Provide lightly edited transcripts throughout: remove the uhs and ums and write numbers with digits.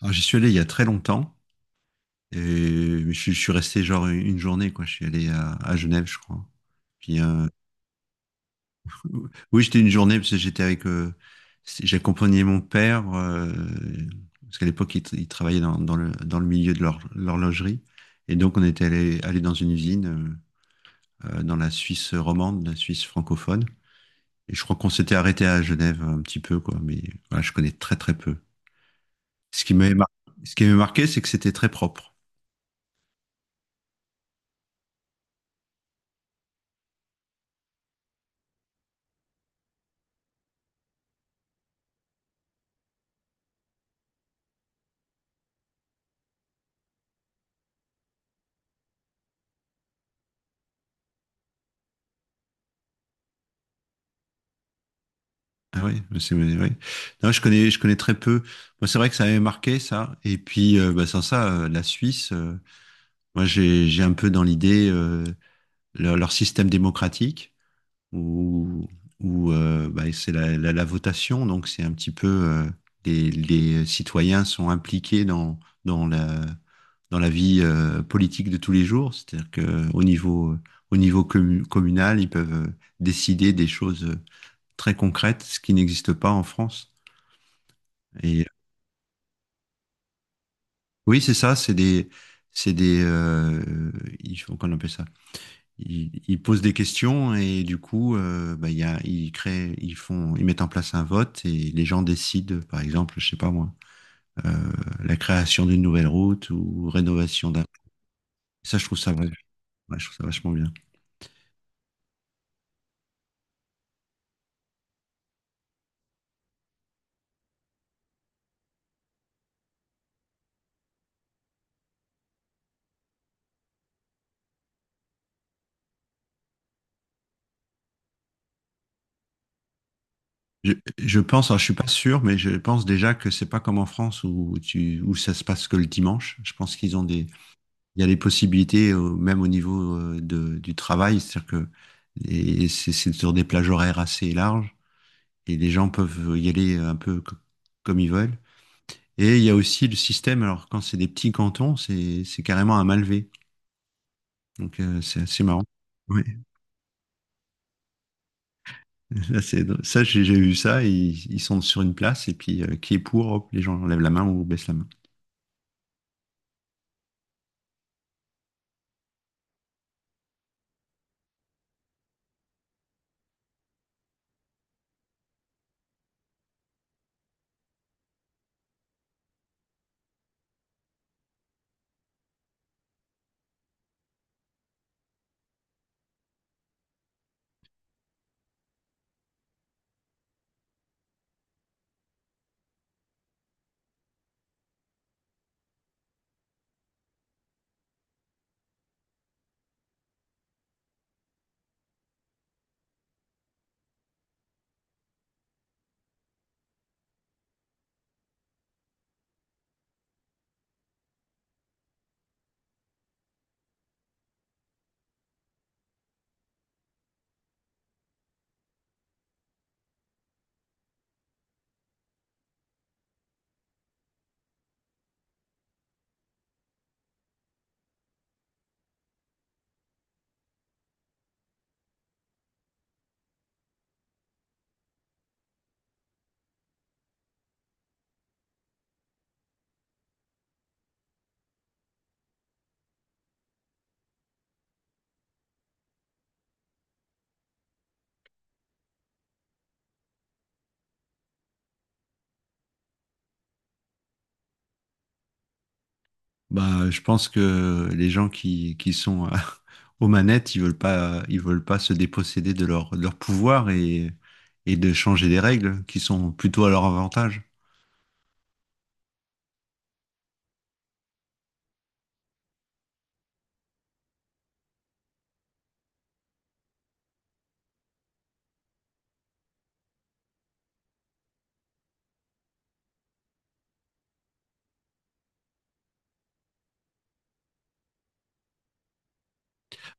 Alors, j'y suis allé il y a très longtemps. Et mais je suis resté genre une journée, quoi. Je suis allé à Genève, je crois. Puis, oui, j'étais une journée parce que j'étais avec. J'accompagnais mon père, parce qu'à l'époque, il travaillait dans le milieu de l'horlogerie. Et donc, on était allé dans une usine dans la Suisse romande, la Suisse francophone. Et je crois qu'on s'était arrêté à Genève un petit peu, quoi. Mais voilà, je connais très, très peu. Ce qui m'avait mar- ce qui m'avait marqué, c'est que c'était très propre. Ah oui, mais c'est, oui. Oui. Non, je connais très peu. Moi, c'est vrai que ça m'avait marqué, ça. Et puis, bah, sans ça, la Suisse, moi, j'ai un peu dans l'idée leur système démocratique. où, où bah, c'est la votation, donc c'est un petit peu les citoyens sont impliqués dans la, dans la vie politique de tous les jours, c'est-à-dire qu'au niveau communal, ils peuvent décider des choses très concrètes, ce qui n'existe pas en France. Et oui, c'est ça, c'est des, ils font- qu'on appelle ça ils posent des questions et du coup, bah, il y a, ils créent, ils font, ils mettent en place un vote et les gens décident, par exemple, je sais pas moi, euh, la création d'une nouvelle route ou rénovation d'un. Ça, je trouve ça, vrai- Ouais, je trouve ça vachement bien. Je pense, alors, je suis pas sûr, mais je pense déjà que c'est pas comme en France où ça se passe que le dimanche. Je pense qu'ils ont des, il y a des possibilités même au niveau du travail, c'est-à-dire que et c'est sur des plages horaires assez larges. Et les gens peuvent y aller un peu comme ils veulent. Et il y a aussi le système, alors quand c'est des petits cantons, c'est carrément un malvé. Donc c'est assez marrant. Ouais. Là, c'est drôle. Ça, j'ai vu ça, ils sont sur une place et puis qui est pour, hop, les gens lèvent la main ou baissent la main. Bah, je pense que les gens qui sont aux manettes, ils veulent pas se déposséder de leur pouvoir et de changer des règles qui sont plutôt à leur avantage.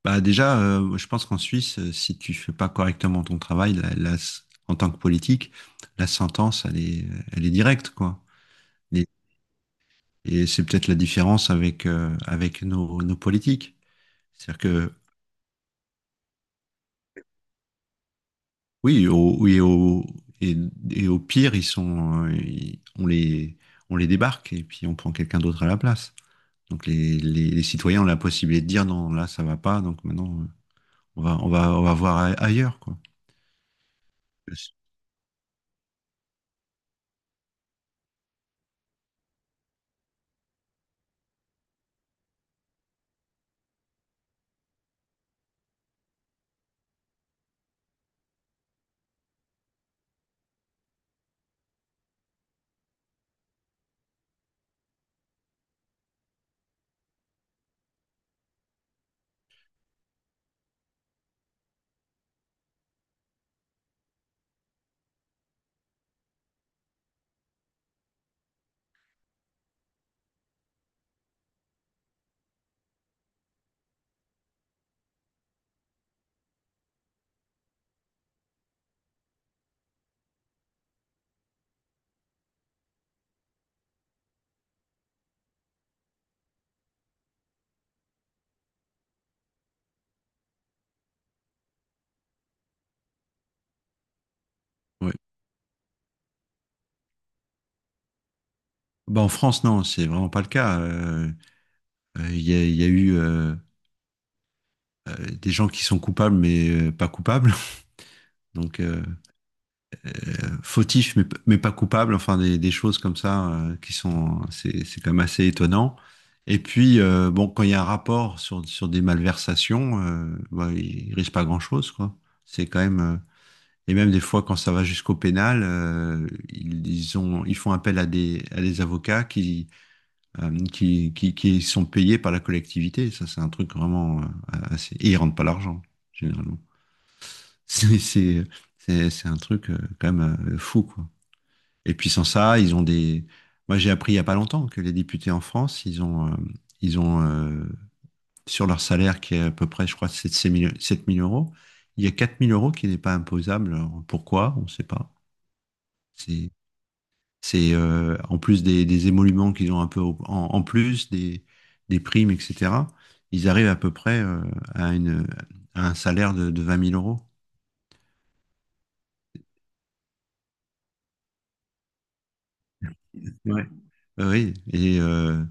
Bah déjà, je pense qu'en Suisse, si tu fais pas correctement ton travail, en tant que politique, la sentence, elle est directe, quoi. Et, et c'est peut-être la différence avec avec nos politiques. C'est-à-dire que oui, et, et au pire, ils sont, on les débarque et puis on prend quelqu'un d'autre à la place. Donc les citoyens ont la possibilité de dire non, là ça va pas, donc maintenant on va voir ailleurs, quoi. Bah, en France, non, c'est vraiment pas le cas. Il y a eu euh, des gens qui sont coupables mais pas coupables, donc fautifs mais pas coupables. Enfin, des choses comme ça qui sont, c'est quand même assez étonnant. Et puis, bon, quand il y a un rapport sur des malversations, bah, il risque pas grand-chose, quoi. C'est quand même et même des fois quand ça va jusqu'au pénal, ils font appel à des avocats qui sont payés par la collectivité. Ça, c'est un truc vraiment assez. Et ils ne rentrent pas l'argent, généralement. C'est, c'est, c'est un truc quand même fou, quoi. Et puis sans ça, ils ont des. Moi, j'ai appris il y a pas longtemps que les députés en France, ils ont sur leur salaire qui est à peu près, je crois, 7 000 euros, il y a 4 000 euros qui n'est pas imposable. Alors, pourquoi? On ne sait pas. C'est c'est en plus des émoluments qu'ils ont un peu en plus, des primes, etc. Ils arrivent à peu près à, une, à un salaire de 20 000 euros. Ouais. Oui, et, euh,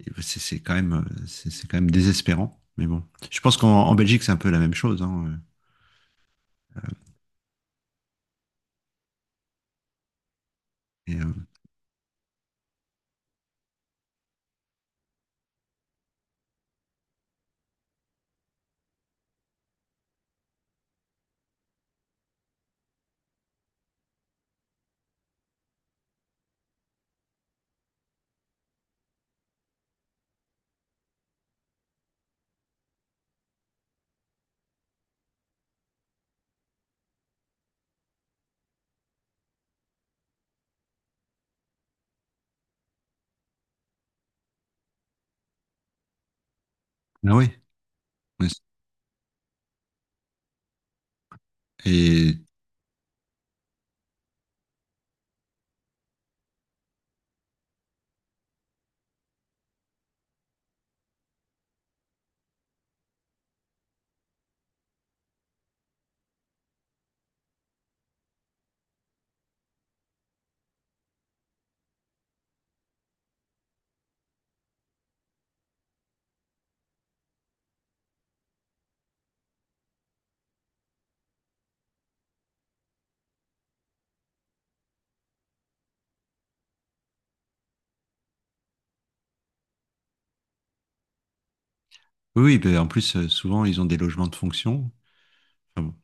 et bah, c'est quand même, c'est quand même désespérant. Mais bon, je pense qu'en en Belgique, c'est un peu la même chose, hein. Et, euh, ah oui. Et oui, oui, ben, en plus, souvent, ils ont des logements de fonction. Enfin bon.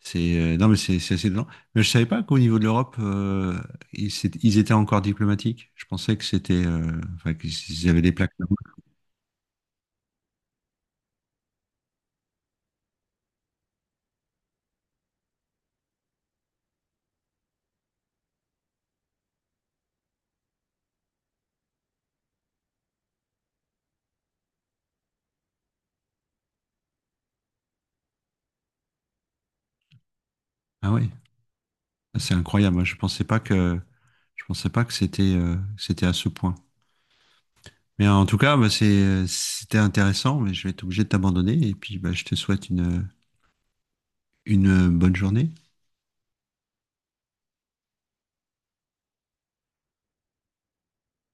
C'est non mais c'est assez dedans. Mais je savais pas qu'au niveau de l'Europe ils étaient encore diplomatiques. Je pensais que c'était enfin qu'ils avaient des plaques là-bas. Ah oui. Ah, c'est incroyable. Moi, je pensais pas que c'était à ce point. Mais en tout cas, bah, c'était intéressant, mais je vais être obligé de t'abandonner. Et puis, bah, je te souhaite une bonne journée.